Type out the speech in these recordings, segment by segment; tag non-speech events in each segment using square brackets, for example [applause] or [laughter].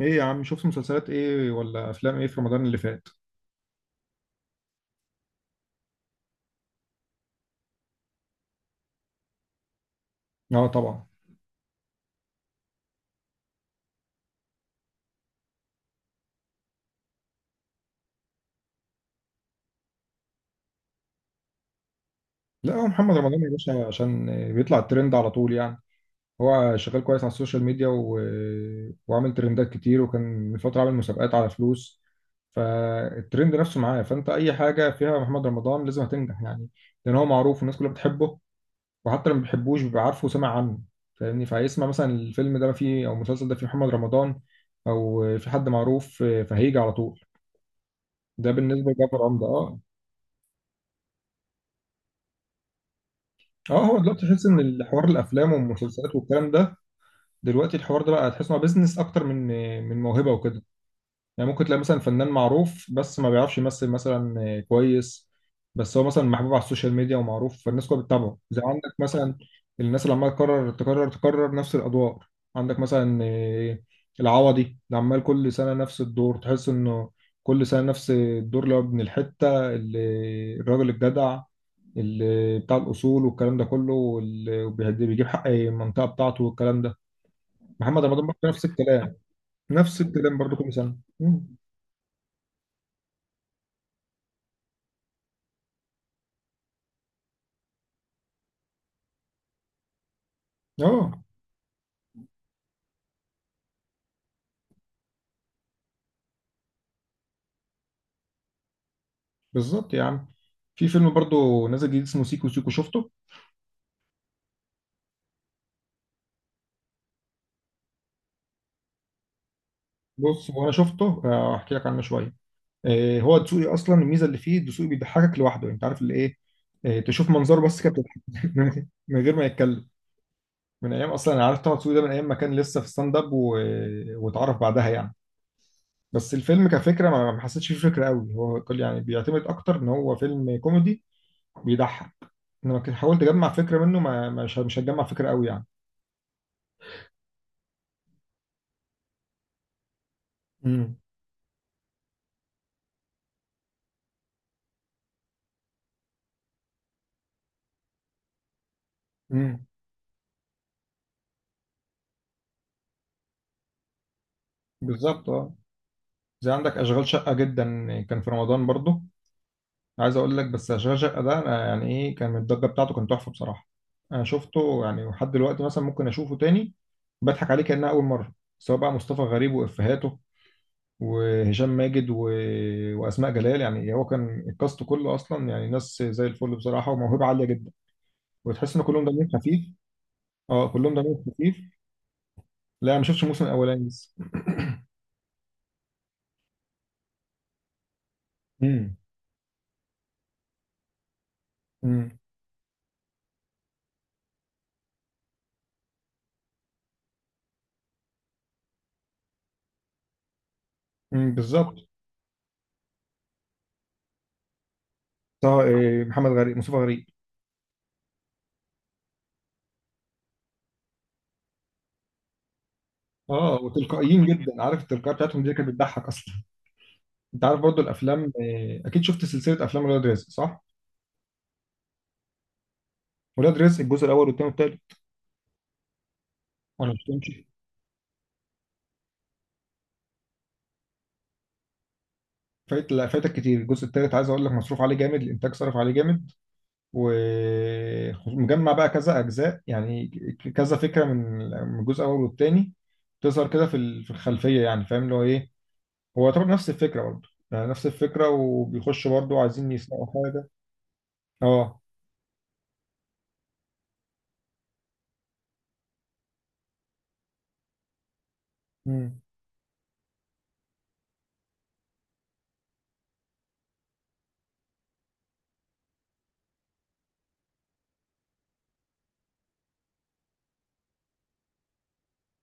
ايه يا عم، شفت مسلسلات ايه ولا افلام ايه في رمضان اللي فات؟ اه طبعا. لا هو محمد رمضان يا باشا عشان بيطلع الترند على طول يعني. هو شغال كويس على السوشيال ميديا و... وعامل ترندات كتير، وكان من فترة عامل مسابقات على فلوس. فالترند نفسه معاه، فانت اي حاجة فيها محمد رمضان لازم هتنجح يعني. لان هو معروف والناس كلها بتحبه. وحتى اللي ما بيحبوش بيبقى عارفه وسمع عنه. فاهمني، فهيسمع مثلا الفيلم ده فيه او المسلسل ده فيه محمد رمضان او في حد معروف فهيجي على طول. ده بالنسبة لجعفر عمدة، اه. اه، هو دلوقتي تحس ان الحوار الافلام والمسلسلات والكلام ده، دلوقتي الحوار ده بقى تحس انه بيزنس اكتر من موهبه وكده. يعني ممكن تلاقي مثلا فنان معروف بس ما بيعرفش يمثل مثلا كويس، بس هو مثلا محبوب على السوشيال ميديا ومعروف فالناس كلها بتتابعه، زي عندك مثلا الناس اللي عماله تكرر تكرر تكرر نفس الادوار. عندك مثلا العوضي اللي عمال كل سنه نفس الدور، تحس انه كل سنه نفس الدور اللي هو ابن الحته، اللي الراجل الجدع اللي بتاع الاصول والكلام ده كله، واللي بيجيب حق المنطقه بتاعته والكلام ده. محمد رمضان برضه نفس الكلام. نفس الكلام برضه كل سنه. مم. اه، بالظبط يا عم. في فيلم برضو نازل جديد اسمه سيكو سيكو، شفته؟ بص، وانا شفته، هحكي لك عنه شويه. هو دسوقي اصلا، الميزه اللي فيه دسوقي بيضحكك لوحده، انت عارف اللي ايه. تشوف منظره بس كده بتضحك [laughs] من غير ما يتكلم. من ايام اصلا انا عارف طه دسوقي ده، من ايام ما كان لسه في ستاند اب و... واتعرف بعدها يعني. بس الفيلم كفكره، ما حسيتش فيه فكره قوي، هو كل يعني بيعتمد اكتر ان هو فيلم كوميدي بيضحك. انما كنت حاولت اجمع فكره منه، ما مش هتجمع فكره قوي يعني. امم. امم، بالظبط، اه. زي عندك اشغال شقه، جدا كان في رمضان برضو. عايز اقول لك بس اشغال شقه ده، أنا يعني ايه كان الضجه بتاعته، كانت تحفه بصراحه. انا شفته يعني لحد دلوقتي مثلا ممكن اشوفه تاني بضحك عليه كانها اول مره. سواء بقى مصطفى غريب وافيهاته، وهشام ماجد و... واسماء جلال. يعني هو كان الكاست كله اصلا يعني ناس زي الفل بصراحه، وموهبه عاليه جدا، وتحس ان كلهم دمهم خفيف. اه، كلهم دمهم خفيف. لا، ما شفتش الموسم الاولاني لسه. امم. امم. أمم، بالظبط. طه إيه، محمد غريب، مصطفى غريب. اه، وتلقائيين جدا، عارف التلقائيه بتاعتهم دي كانت بتضحك اصلا. انت عارف برضو الافلام، اكيد شفت سلسله افلام ولاد رزق، صح؟ ولاد رزق الجزء الاول والثاني والثالث، ولا مش تمشي؟ فايت، لا فايتك كتير الجزء الثالث. عايز اقول لك مصروف عليه جامد، الانتاج صرف عليه جامد. ومجمع بقى كذا اجزاء يعني، كذا فكره من الجزء الاول والثاني تظهر كده في الخلفيه، يعني فاهم اللي هو ايه. هو طبعا نفس الفكره، برضو يعني نفس الفكره، وبيخشوا برضو عايزين يسرقوا حاجه. اه. مم.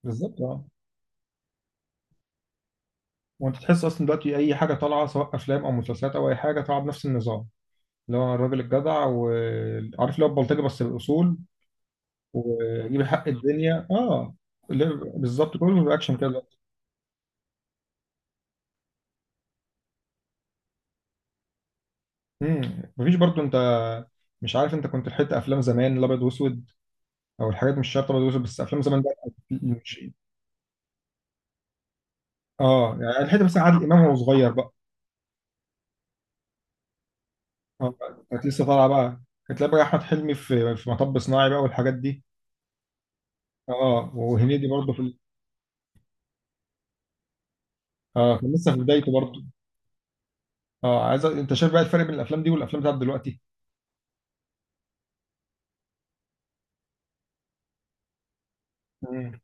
بالظبط، آه. وانت تحس اصلا دلوقتي اي حاجه طالعه، سواء افلام او مسلسلات او اي حاجه، طالعه بنفس النظام اللي هو الراجل الجدع، وعارف اللي هو البلطجي بس بالاصول، ويجيب حق الدنيا، اه. اللي بالظبط كله رياكشن كده. امم، مفيش برضو. انت مش عارف، انت كنت لحقت افلام زمان الابيض واسود؟ او الحاجات مش شرط ابيض واسود، بس افلام زمان ده، مش اه، يعني لحقت مثلا عادل امام وهو صغير بقى. اه، كانت لسه طالعه بقى. كانت بقى احمد حلمي في مطب صناعي بقى، والحاجات دي. اه، وهنيدي برضه في ال-. اه، كان لسه في بدايته برضه. اه، عايز انت شايف بقى الفرق بين الافلام دي والافلام بتاعت دلوقتي. مم.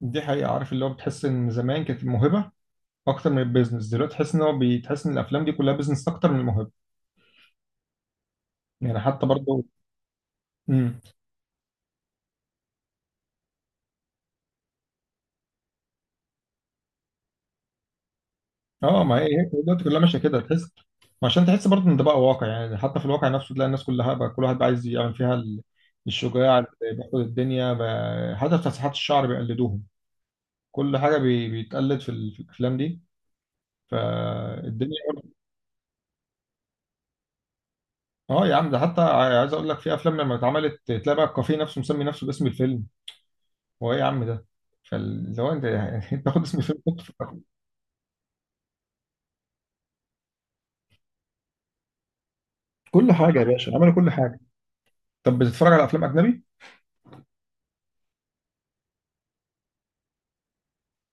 دي حقيقة، عارف اللي هو بتحس ان زمان كانت الموهبة اكتر من البيزنس، دلوقتي تحس ان هو بتحس ان الافلام دي كلها بيزنس اكتر من الموهبة يعني، حتى برضه. امم. اه، ما هي هي دلوقتي كلها ماشية كده تحس. ما عشان تحس برضه ان ده بقى واقع يعني، حتى في الواقع نفسه تلاقي الناس كلها بقى كل واحد بقى عايز يعمل فيها ال-، الشجاع اللي بياخد الدنيا بقى. حتى في تسريحات الشعر بيقلدوهم. كل حاجة بيتقلد في الافلام دي، فالدنيا. اه يا عم، ده حتى عايز اقول لك في افلام لما اتعملت تلاقي بقى الكافيه نفسه مسمي نفسه باسم الفيلم. هو ايه يا عم ده؟ فاللي هو انت يعني [laughs] انت تاخد اسم الفيلم تحطه في الأفلام. كل حاجه يا باشا، عملوا كل حاجه. طب بتتفرج على افلام اجنبي؟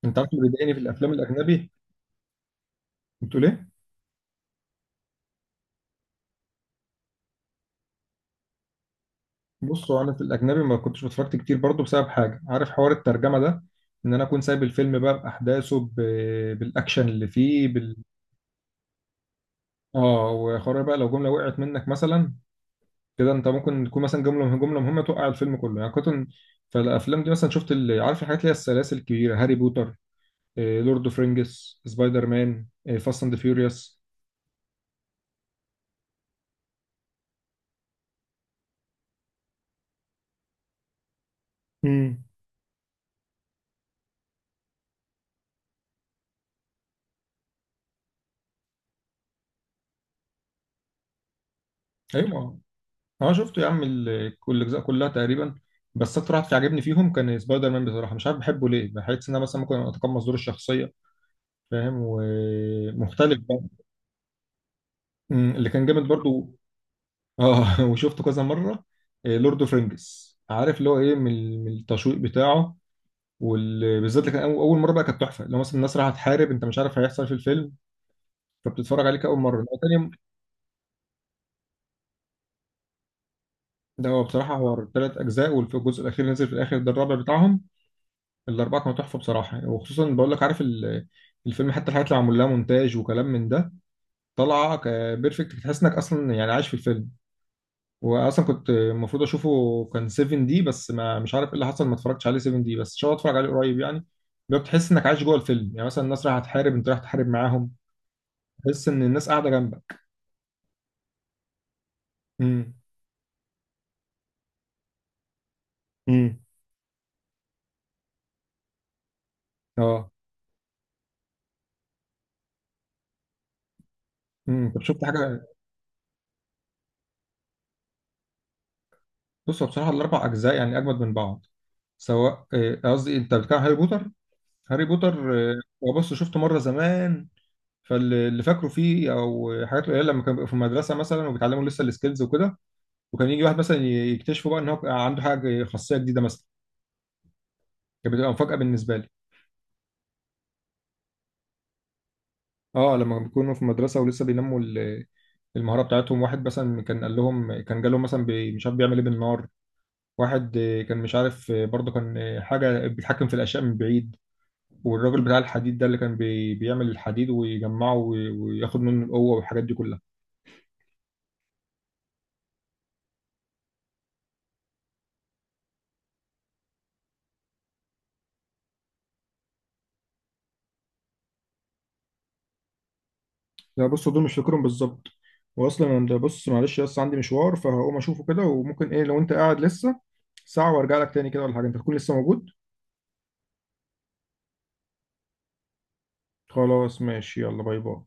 انت عارف اللي بيضايقني في الافلام الاجنبي؟ بتقول ايه؟ بص، هو انا في الاجنبي ما كنتش بتفرجت كتير برضه بسبب حاجه، عارف حوار الترجمه ده. ان انا اكون سايب الفيلم بقى باحداثه ب... بالاكشن اللي فيه بال... اه، وحوار بقى لو جمله وقعت منك مثلا كده انت ممكن تكون مثلا جمله جمله مهمه توقع الفيلم كله يعني كنت. فالافلام دي مثلا شفت عارف الحاجات اللي هي السلاسل الكبيره، هاري بوتر، لورد اوف رينجز، سبايدر مان، فاست اند فيوريوس. امم. ايوه. اه، شفته يا عم ال-، كل الاجزاء كلها تقريبا. بس اكتر واحد في عجبني فيهم كان سبايدر مان بصراحه، مش عارف بحبه ليه، بحس ان انا مثلا ممكن اتقمص دور الشخصيه، فاهم، ومختلف بقى. أمم، اللي كان جامد برضو. اه [laughs] وشفته كذا مره. لورد اوف رينجز، عارف اللي هو ايه من التشويق بتاعه. وبالذات لكن اول مره بقى كانت تحفه، لو مثلا الناس رايحه تحارب انت مش عارف هيحصل في الفيلم، فبتتفرج عليه كاول مره إنما تاني. ده هو بصراحه هو ثلاث اجزاء، والجزء الاخير اللي نزل في الاخر ده الرابع بتاعهم. الاربعه كانوا تحفه بصراحه، وخصوصا بقول لك عارف ال-، الفيلم حتى الحاجات اللي معمول لها مونتاج وكلام من ده طالعه بيرفكت، تحس انك اصلا يعني عايش في الفيلم. واصلا كنت المفروض اشوفه كان 7 دي، بس ما مش عارف ايه اللي حصل، ما اتفرجتش عليه 7 دي، بس ان شاء الله اتفرج عليه قريب يعني. بتحس انك عايش جوه الفيلم، يعني مثلا الناس رايحه تحارب انت رايح تحارب معاهم، تحس ان الناس قاعده جنبك. امم. امم. اه. امم، طب شفت حاجه؟ بص هو بصراحه الاربع اجزاء يعني اجمد من بعض. سواء، قصدي انت بتتكلم عن هاري بوتر؟ هاري بوتر، هو بص شفته مره زمان. فاللي فاكره فيه او حاجات قليله لما كان بيبقوا في المدرسه مثلا وبيتعلموا لسه السكيلز وكده. وكان يجي واحد مثلا يكتشفوا بقى ان هو عنده حاجه خاصيه جديده مثلا، كانت بتبقى مفاجاه بالنسبه لي. اه، لما بيكونوا في مدرسه ولسه بينموا ال-، المهاره بتاعتهم. واحد مثلا كان قال لهم، كان جالهم مثلا مش عارف بيعمل ايه بالنار. واحد كان مش عارف، برضه كان حاجة بيتحكم في الأشياء من بعيد. والراجل بتاع الحديد ده اللي كان بيعمل الحديد ويجمعه وياخد منه القوة، والحاجات دي كلها. لا بص، دول مش فاكرهم بالظبط. وأصلا أنا ده بص معلش، بس عندي مشوار فهقوم أشوفه كده، وممكن إيه لو أنت قاعد لسه ساعة وأرجع لك تاني كده ولا حاجة، أنت تكون لسه موجود؟ خلاص ماشي، يلا باي باي.